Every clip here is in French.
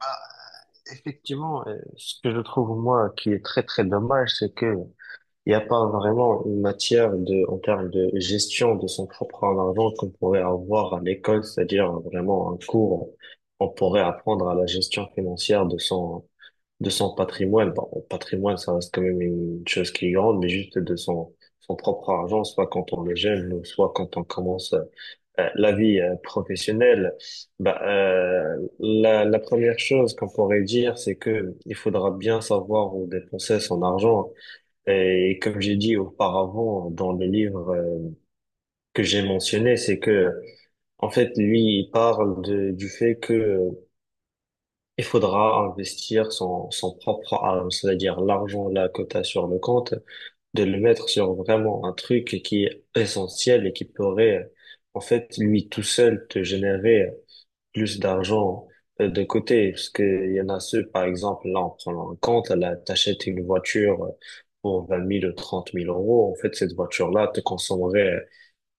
Bah, effectivement, ce que je trouve moi qui est très très dommage, c'est que il n'y a pas vraiment une matière en termes de gestion de son propre argent qu'on pourrait avoir à l'école, c'est-à-dire vraiment un cours, on pourrait apprendre à la gestion financière de son patrimoine. Bon, le patrimoine, ça reste quand même une chose qui est grande, mais juste de son propre argent, soit quand on est jeune, soit quand on commence la vie professionnelle. Bah, la première chose qu'on pourrait dire, c'est que il faudra bien savoir où dépenser son argent. Et comme j'ai dit auparavant dans le livre que j'ai mentionné, c'est que en fait, lui, il parle du fait que il faudra investir son propre argent, c'est-à-dire l'argent là que tu sur le compte, de le mettre sur vraiment un truc qui est essentiel et qui pourrait en fait, lui tout seul, te générer plus d'argent de côté, parce qu'il y en a ceux, par exemple, là, en prenant en compte, là, t'achètes une voiture pour 20 000 ou 30 000 euros. En fait, cette voiture-là te consommerait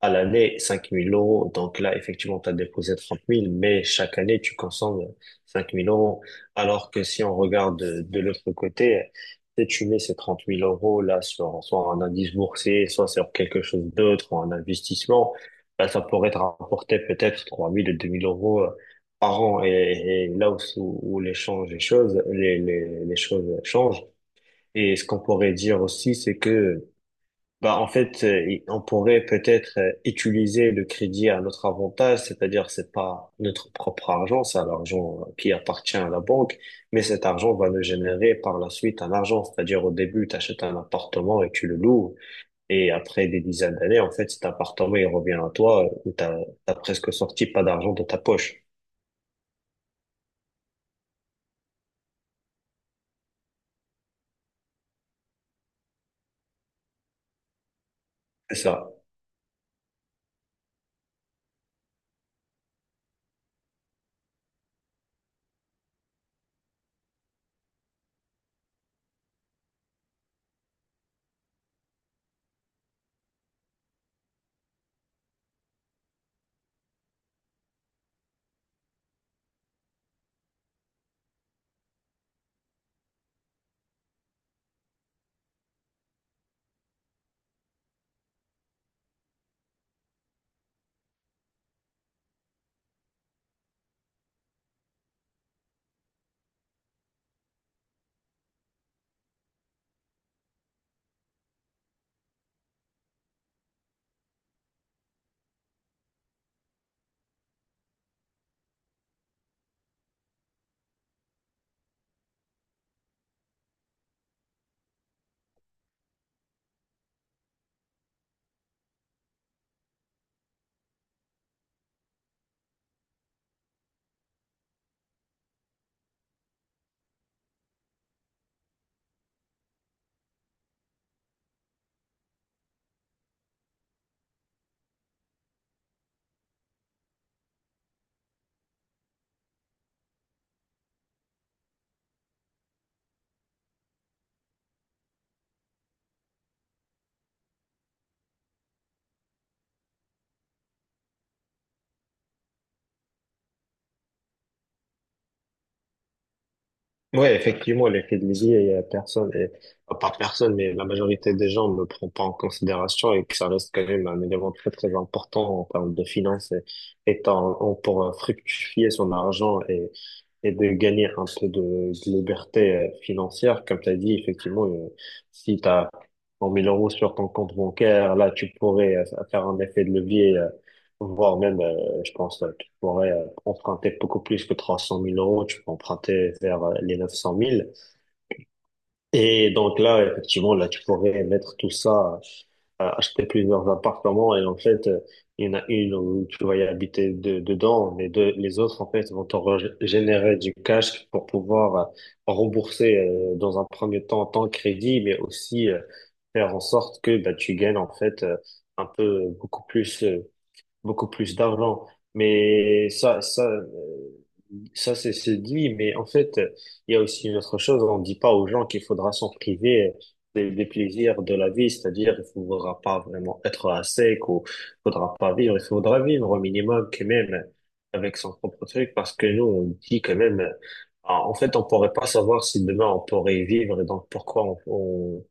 à l'année 5 000 euros. Donc là, effectivement, tu as déposé 30 000, mais chaque année, tu consommes 5 000 euros. Alors que si on regarde de l'autre côté, si tu mets ces 30 000 euros là sur soit un indice boursier, soit sur quelque chose d'autre, ou un investissement, là, ça pourrait te rapporter peut-être 3 000 ou 2 000 euros par an. Et là où les, changes, les choses changent. Et ce qu'on pourrait dire aussi, c'est que bah, en fait, on pourrait peut-être utiliser le crédit à notre avantage, c'est-à-dire c'est pas notre propre argent, c'est l'argent qui appartient à la banque, mais cet argent va nous générer par la suite un argent, c'est-à-dire au début, tu achètes un appartement et tu le loues, et après des dizaines d'années, en fait, cet appartement, il revient à toi, où t'as presque sorti pas d'argent de ta poche. C'est ça. Ouais, effectivement, l'effet de levier, il y a personne, et, enfin, pas personne, mais la majorité des gens ne le prend pas en considération et que ça reste quand même un élément très, très important en termes de finances et pour fructifier son argent et de gagner un peu de liberté financière. Comme tu as dit, effectivement, si tu as 100 000 euros sur ton compte bancaire, là, tu pourrais faire un effet de levier, voire même, je pense, tu pourrais emprunter beaucoup plus que 300 000 euros, tu peux emprunter vers les 900 000. Et donc là, effectivement, là, tu pourrais mettre tout ça, acheter plusieurs appartements, et en fait, il y en a une où tu vas y habiter dedans, les deux, les autres en fait vont te générer du cash pour pouvoir rembourser dans un premier temps ton crédit, mais aussi faire en sorte que bah, tu gagnes en fait un peu beaucoup plus d'argent. Mais ça, ça c'est dit. Mais en fait, il y a aussi une autre chose. On ne dit pas aux gens qu'il faudra s'en priver des plaisirs de la vie. C'est-à-dire, il faudra pas vraiment être à sec ou il faudra pas vivre. Il faudra vivre au minimum quand même avec son propre truc, parce que nous, on dit quand même, ah, en fait, on pourrait pas savoir si demain on pourrait vivre, et donc pourquoi on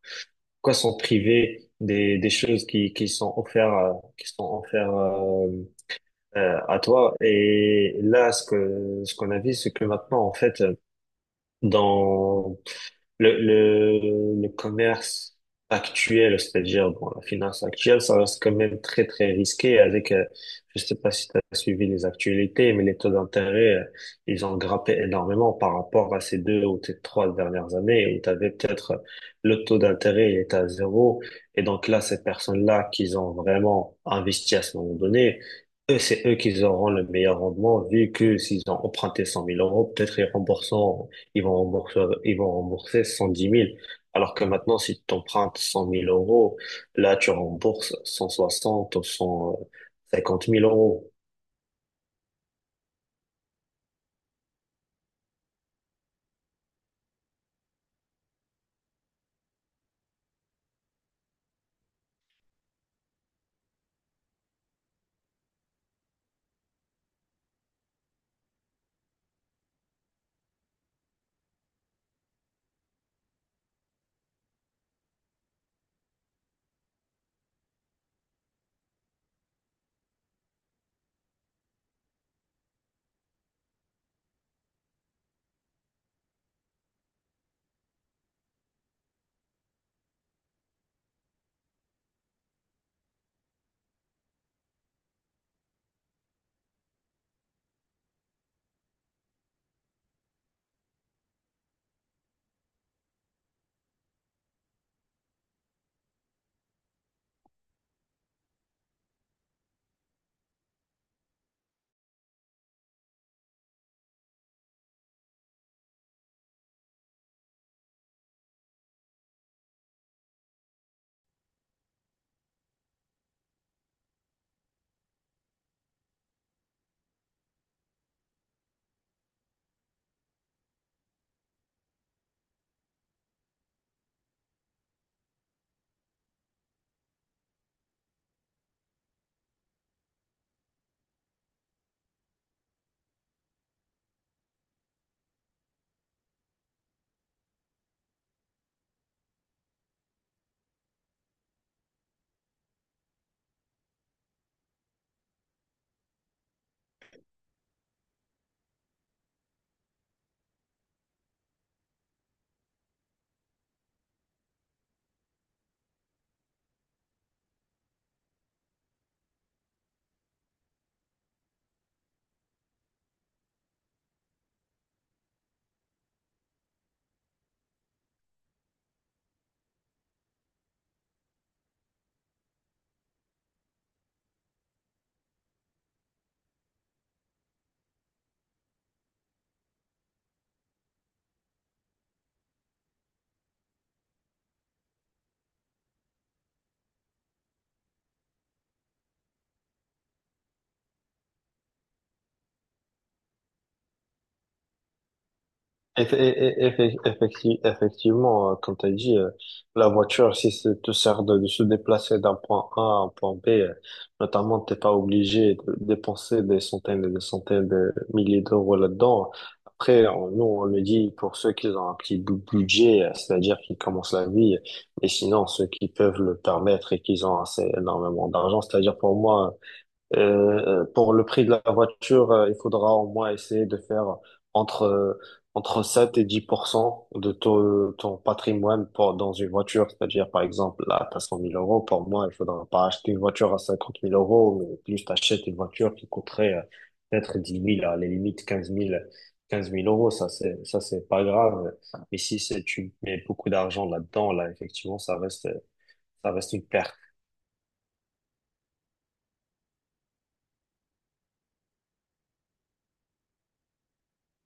pourquoi s'en priver des choses qui sont offertes à toi. Et là, ce que ce qu'on a vu, c'est que maintenant, en fait, dans le commerce actuel, c'est-à-dire bon, la finance actuelle, ça reste quand même très, très risqué. Avec, je sais pas si tu as suivi les actualités, mais les taux d'intérêt, ils ont grimpé énormément par rapport à ces deux ou ces trois dernières années, où tu avais peut-être le taux d'intérêt, il était à zéro. Et donc là, ces personnes-là qui ont vraiment investi à ce moment donné, eux, c'est eux qui auront le meilleur rendement, vu que s'ils ont emprunté 100 000 euros, peut-être ils vont rembourser, ils vont rembourser 110 000. Alors que maintenant, si tu empruntes 100 000 euros, là, tu rembourses 160 000 ou 150 000 euros. Effectivement, comme tu as dit, la voiture, si ça te sert de se déplacer d'un point A à un point B, notamment, t'es pas obligé de dépenser des centaines et des centaines de milliers d'euros là-dedans. Après, nous, on le dit pour ceux qui ont un petit budget, c'est-à-dire qui commencent la vie, et sinon, ceux qui peuvent le permettre et qui ont assez énormément d'argent, c'est-à-dire pour moi, pour le prix de la voiture, il faudra au moins essayer de faire entre, euh, entre 7 et 10% de ton patrimoine pour, dans une voiture. C'est-à-dire, par exemple, là, t'as 100 000 euros. Pour moi, il faudra pas acheter une voiture à 50 000 euros, mais plus t'achètes une voiture qui coûterait peut-être 10 000, à la limite quinze mille euros. Ça, c'est, pas grave. Mais si tu mets beaucoup d'argent là-dedans, là, effectivement, ça reste une perte.